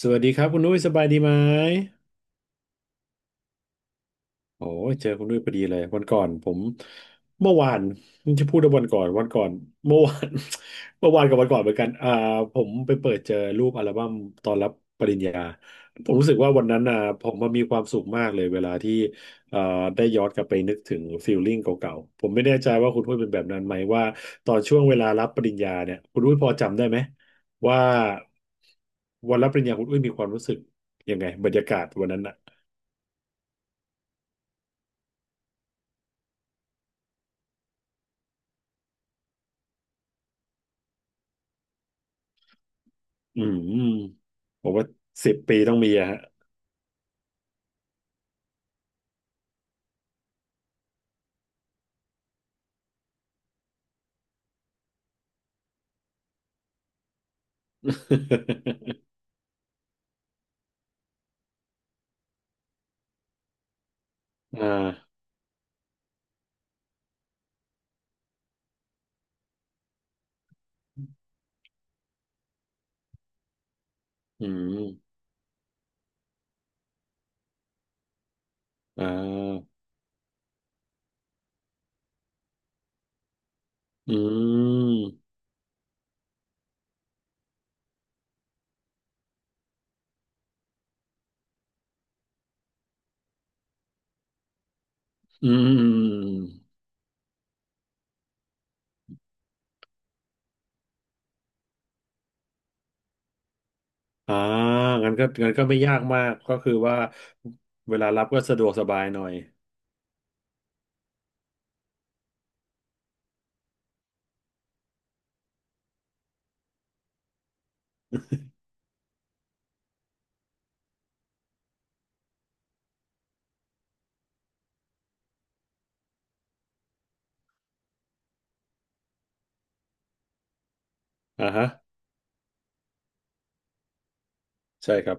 สวัสดีครับคุณนุ้ยสบายดีไหม โอ้ยเจอคุณด้วยพอดีเลยวันก่อนผมเมื่อวานจะพูดว่าวันก่อนวันก่อนเมื่อวาน เมื่อวานกับวันก่อนเหมือนกันผมไปเปิดเจอรูปอัลบั้มตอนรับปริญญาผมรู้สึกว่าวันนั้นอ่ะผมมันมีความสุขมากเลยเวลาที่เอ่อได้ย้อนกลับไปนึกถึงฟีลลิ่งเก่าๆผมไม่แน่ใจว่าคุณด้วยเป็นแบบนั้นไหมว่าตอนช่วงเวลารับปริญญาเนี่ยคุณด้วยพอจำได้ไหมว่าวันรับปริญญาคุณด้วยมีความรู้สึกยังไงบรรยากาศวันนั้น อืมผมว่าสิบปีต้องมีอะฮะ อ่าอืมอ่าอืมอืมอืมอ่างั้นก็ไม่ยากมากก็คือว่าเวลารับก็สะดวกสบายหน่อยอ่าฮะใช่ครับ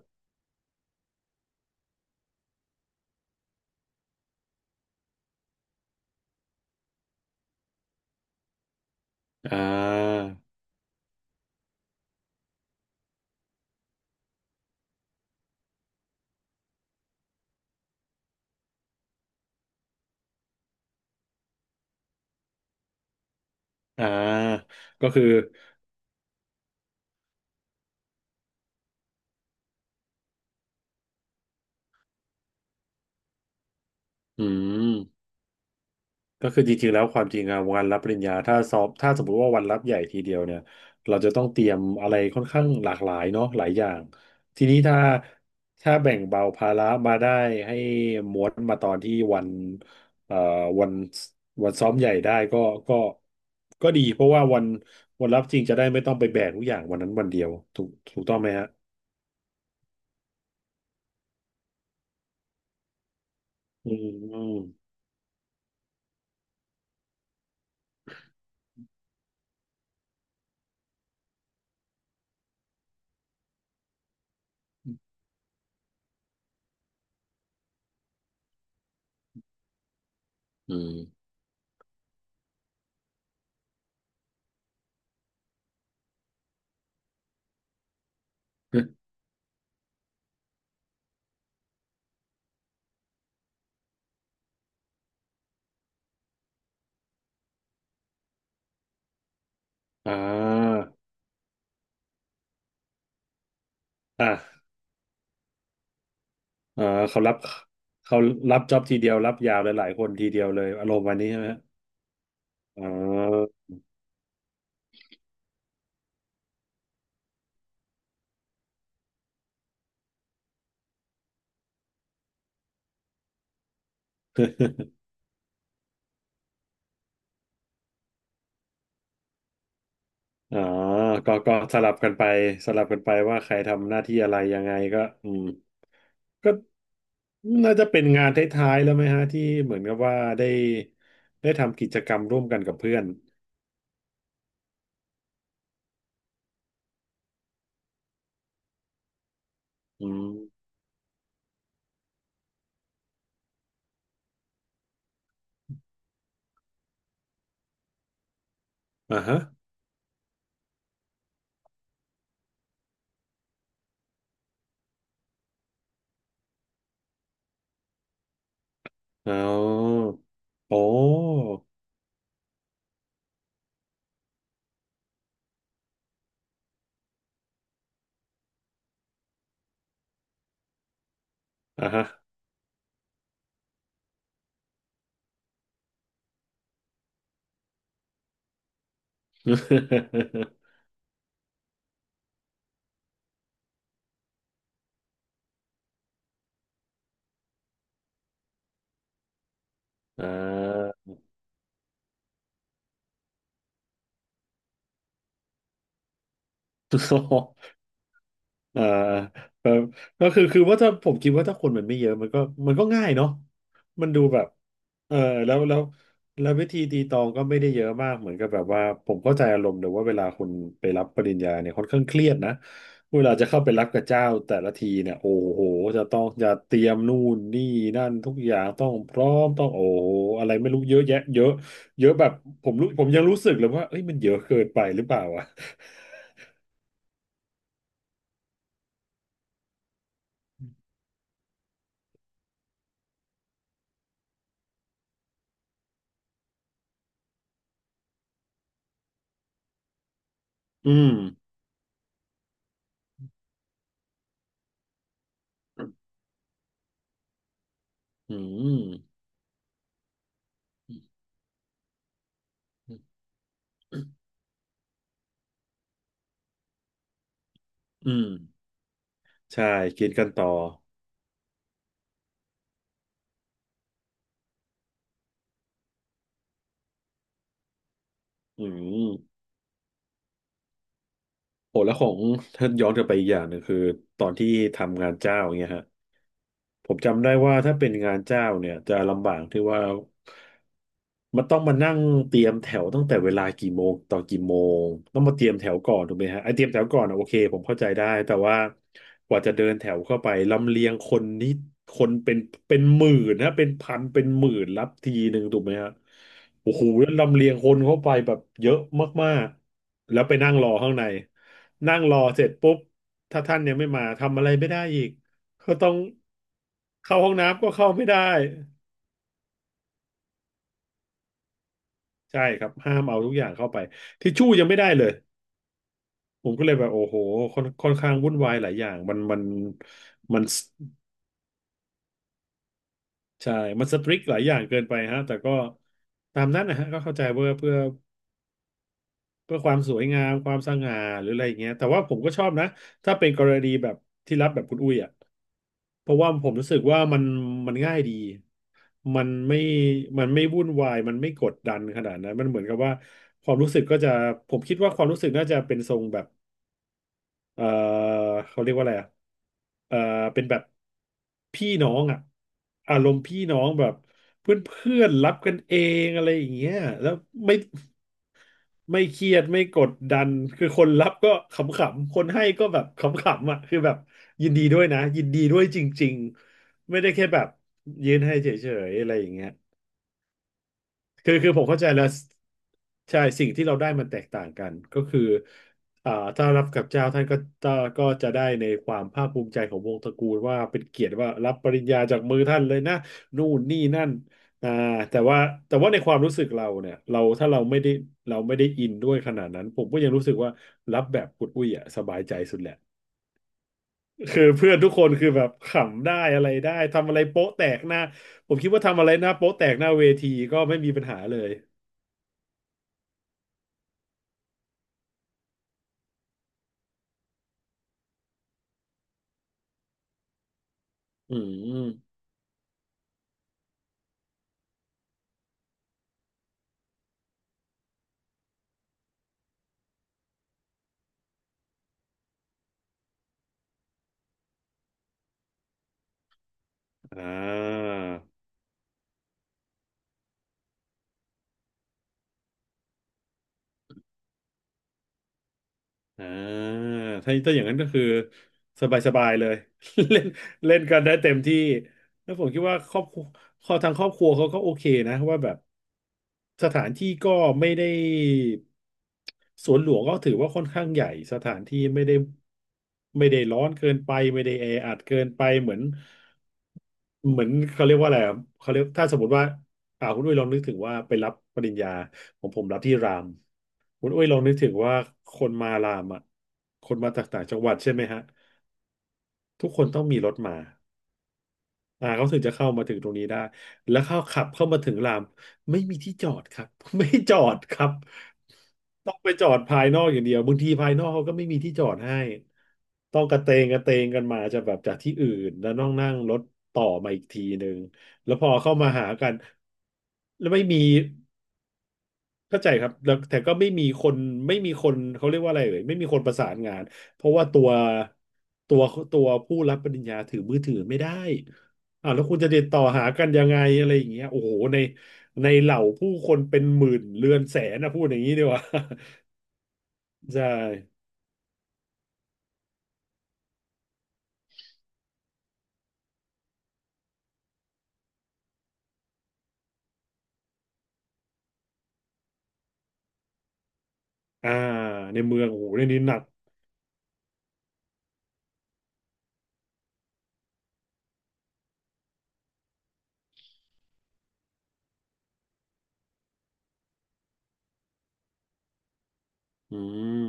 อ่าอ่าก็คืออืม ก็คือจริงๆแล้วความจริงอะวันรับปริญญาถ้าสมมติว่าวันรับใหญ่ทีเดียวเนี่ยเราจะต้องเตรียมอะไรค่อนข้างหลากหลายเนาะหลายอย่างทีนี้ถ้าแบ่งเบาภาระมาได้ให้ม้วนมาตอนที่วันเอ่อวันวันซ้อมใหญ่ได้ก็ก็ดีเพราะว่าวันรับจริงจะได้ไม่ต้องไปแบกทุกอย่างวันนั้นวันเดียวถูกต้องไหมฮะอืมอืมอืม อ่าอ่ะ อ่าเขารับเขารับจ็อบทีเดียวรับยาวหลายๆคนทีเดียวเลยอารมณ์วันนี้ใช่ไหมฮะอ๋ออ๋อก็สลับกันไปสลับกันไปว่าใครทำหน้าที่อะไรยังไงก็อืมก็น่าจะเป็นงานท้ายๆแล้วไหมฮะที่เหมือนกับว่าได้ทำกิจกรรมร่วมกันกับเพื่อนอืมอ่าฮะอ๋อโอ้อ่าฮะ อ่า อ่าแบบก็คือคือว่าถ้าผมคิดว่าถ้าคนมันไม่เยอะมันก็ง่ายเนาะมันดูแบบเออแล้วแล้วแล้ววิธีตีตองก็ไม่ได้เยอะมากเหมือนกับแบบว่าผมเข้าใจอารมณ์เลยว่าเวลาคนไปรับปริญญาเนี่ยค่อนข้างเครียดนะ เวลาจะเข้าไปรับกับเจ้าแต่ละทีเนี่ยโอ้โหจะต้องเตรียมนู่นนี่นั่นทุกอย่างต้องพร้อมต้องโอ้โหอะไรไม่รู้เยอะแยะเยอะเยอะแบบผมยังรู้สึกเลยว่าเอ้ยมันเยอะเกินไปหรือเปล่าอ่ะ อืม อืม อืม ใช่กินกันต่อ อืม โอ้แล้วของถ้าย้อนกลับไปอีกอย่างหนึ่งคือตอนที่ทำงานเจ้าอย่างเงี้ยฮะ ผมจำได้ว่าถ้าเป็นงานเจ้าเนี่ยจะลำบากที่ว่ามันต้องมานั่งเตรียมแถวตั้งแต่เวลากี่โมงต่อกี่โมงต้องมาเตรียมแถวก่อนถูกไหมฮะไอเตรียมแถวก่อนอะโอเคผมเข้าใจได้แต่ว่ากว่าจะเดินแถวเข้าไปลำเลียงคนนี่คนเป็นหมื่นนะเป็นพันเป็นหมื่นรับทีหนึ่งถูกไหมฮะโอ้โหแล้วลำเลียงคนเข้าไปแบบเยอะมากๆแล้วไปนั่งรอข้างในนั่งรอเสร็จปุ๊บถ้าท่านยังไม่มาทำอะไรไม่ได้อีก ก็ต้องเข้าห้องน้ำก็เข้าไม่ได้ใช่ครับห้ามเอาทุกอย่างเข้าไปทิชชู่ยังไม่ได้เลยผมก็เลยแบบโอ้โหค่อนข้างวุ่นวายหลายอย่างมันใช่มันสตริกหลายอย่างเกินไปฮะแต่ก็ตามนั้นนะฮะก็เข้าใจเพื่อความสวยงามความสง่าหรืออะไรอย่างเงี้ยแต่ว่าผมก็ชอบนะถ้าเป็นกรณีแบบที่รับแบบคุณอุ้ยอ่ะ เพราะว่าผมรู้สึกว่ามันง่ายดีมันไม่มันไม่วุ่นวายมันไม่กดดันขนาดนั้นมันเหมือนกับว่าความรู้สึกก็จะผมคิดว่าความรู้สึกน่าจะเป็นทรงแบบเออเขาเรียกว่าอะไรอะเออเป็นแบบพี่น้องอะอารมณ์พี่น้องแบบเพื่อนเพื่อนรับกันเองอะไรอย่างเงี้ยแล้วไม่ ไม่เครียดไม่กดดันคือคนรับก็ขำๆคนให้ก็แบบขำๆอ่ะคือแบบยินดีด้วยนะยินดีด้วยจริงๆไม่ได้แค่แบบยืนให้เฉยๆอะไรอย่างเงี้ย คือผมเข้าใจแล้วใช่สิ่งที่เราได้มันแตกต่างกันก็คืออ่าถ้ารับกับเจ้าท่านก็ก็ก็จะได้ในความภาคภูมิใจของวงตระกูลว่าเป็นเกียรติว่ารับปริญญาจากมือท่านเลยนะนู่นนี่นั่นอ่าแต่ว่าในความรู้สึกเราเนี่ยเราถ้าเราไม่ได้อินด้วยขนาดนั้นผมก็ยังรู้สึกว่ารับแบบอุดอุ้ยอ่ะสบายใจสุดแหละคือเพื่อนทุกคนคือแบบขำได้อะไรได้ทำอะไรโป๊ะแตกหน้าผมคิดว่าทำอะไรหน้าโป๊ะแตกหน้าเวทีก็ไม่มีปัญหาเลย อืม อ่า อ่าถ้าอย่างนั้นก็คือสบายๆเลย เล่นเล่นกันได้เต็มที่ แล้วผมคิดว่าครอบครัวคอทางครอบครัวเขาก็โอเคนะว่าแบบสถานที่ก็ไม่ได้สวนหลวงก็ถือว่าค่อนข้างใหญ่สถานที่ไม่ได้ร้อนเกินไปไม่ได้แออัดเกินไปเหมือนเขาเรียกว่าอะไรอะเขาเรียกถ้าสมมติว่าคุณอุ้ยลองนึกถึงว่าไปรับปริญญาของผมรับที่รามคุณอุ้ยลองนึกถึงว่าคนมารามอ่ะคนมาจากต่างจังหวัดใช่ไหมฮะทุกคนต้องมีรถมา เขาถึงจะเข้ามาถึงตรงนี้ได้แล้วเข้าขับเข้ามาถึงรามไม่มีที่จอดครับ ไม่จอดครับต้องไปจอดภายนอกอย่างเดียวบางทีภายนอกเขาก็ไม่มีที่จอดให้ต้องกระเตงกระเตงกันมาจะแบบจากที่อื่นแล้วต้องนั่งรถต่อมาอีกทีหนึ่งแล้วพอเข้ามาหากันแล้วไม่มี เข้าใจครับแล้วแต่ก็ไม่มีคนเขาเรียกว่าอะไรเลยไม่มีคนประสานงานเพราะว่าตัวตัวตัวผู้รับปริญญาถือมือถือไม่ได้แล้วคุณจะติดต่อหากันยังไงอะไรอย่างเงี้ยโอ้โหในเหล่าผู้คนเป็นหมื่นเรือนแสนนะพูดอย่างนี้ดีกว่า ใช่อ่าในเมืองโอ้โหเรื่องนี้หนักอืม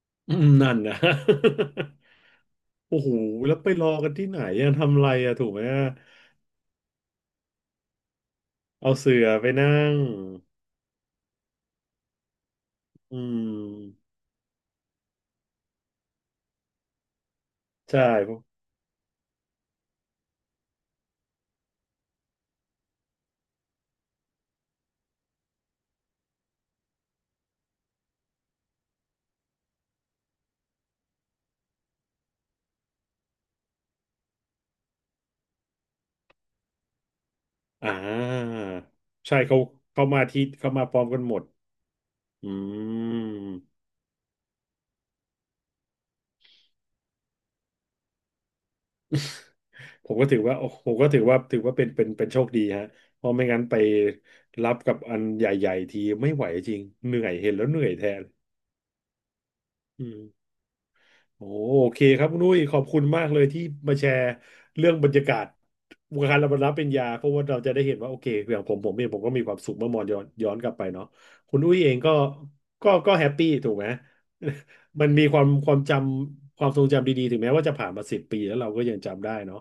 อืมนั่นนะ โอ้โหแล้วไปรอกันที่ไหนอะทำอะไรอะถูกไหมอะเอาเสื่อไปนั่งอืม ใช่อ่าใช่เขาเข้ามาที่เข้ามาพร้อมกันหมดอืมผมก็ถือว่าโอ้ผมก็ถือว่าเป็นเป็นโชคดีฮะเพราะไม่งั้นไปรับกับอันใหญ่ๆทีไม่ไหวจริง เหนื่อยเห็นแล้วเหนื่อยแทนอืม โอ้โอเคครับคุณนุ้ยขอบคุณมากเลยที่มาแชร์เรื่องบรรยากาศวงการรับปริญญาเพราะว่าเราจะได้เห็นว่าโอเคอย่างผมผมเองผมก็มีความสุขเมื่อมองย้อนกลับไปเนาะคุณนุ้ยเองก็ก็แฮปปี้ถูกไหม มันมีความความจำความทรงจำดีๆถึงแม้ว่าจะผ่านมา10 ปีแล้วเราก็ยังจำได้เนาะ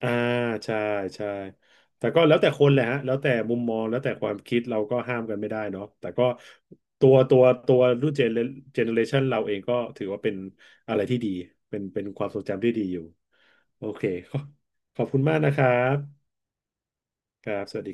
อ่าใช่ใช่แต่ก็แล้วแต่คนแหละฮะแล้วแต่มุมมองแล้วแต่ความคิดเราก็ห้ามกันไม่ได้เนาะแต่ก็ตัวตัวรุ่นเจเนอเรชันเราเองก็ถือว่าเป็นอะไรที่ดีเป็นความทรงจำที่ดีอยู่โอเคขอบขอบคุณมากนะครับครับสวัสดี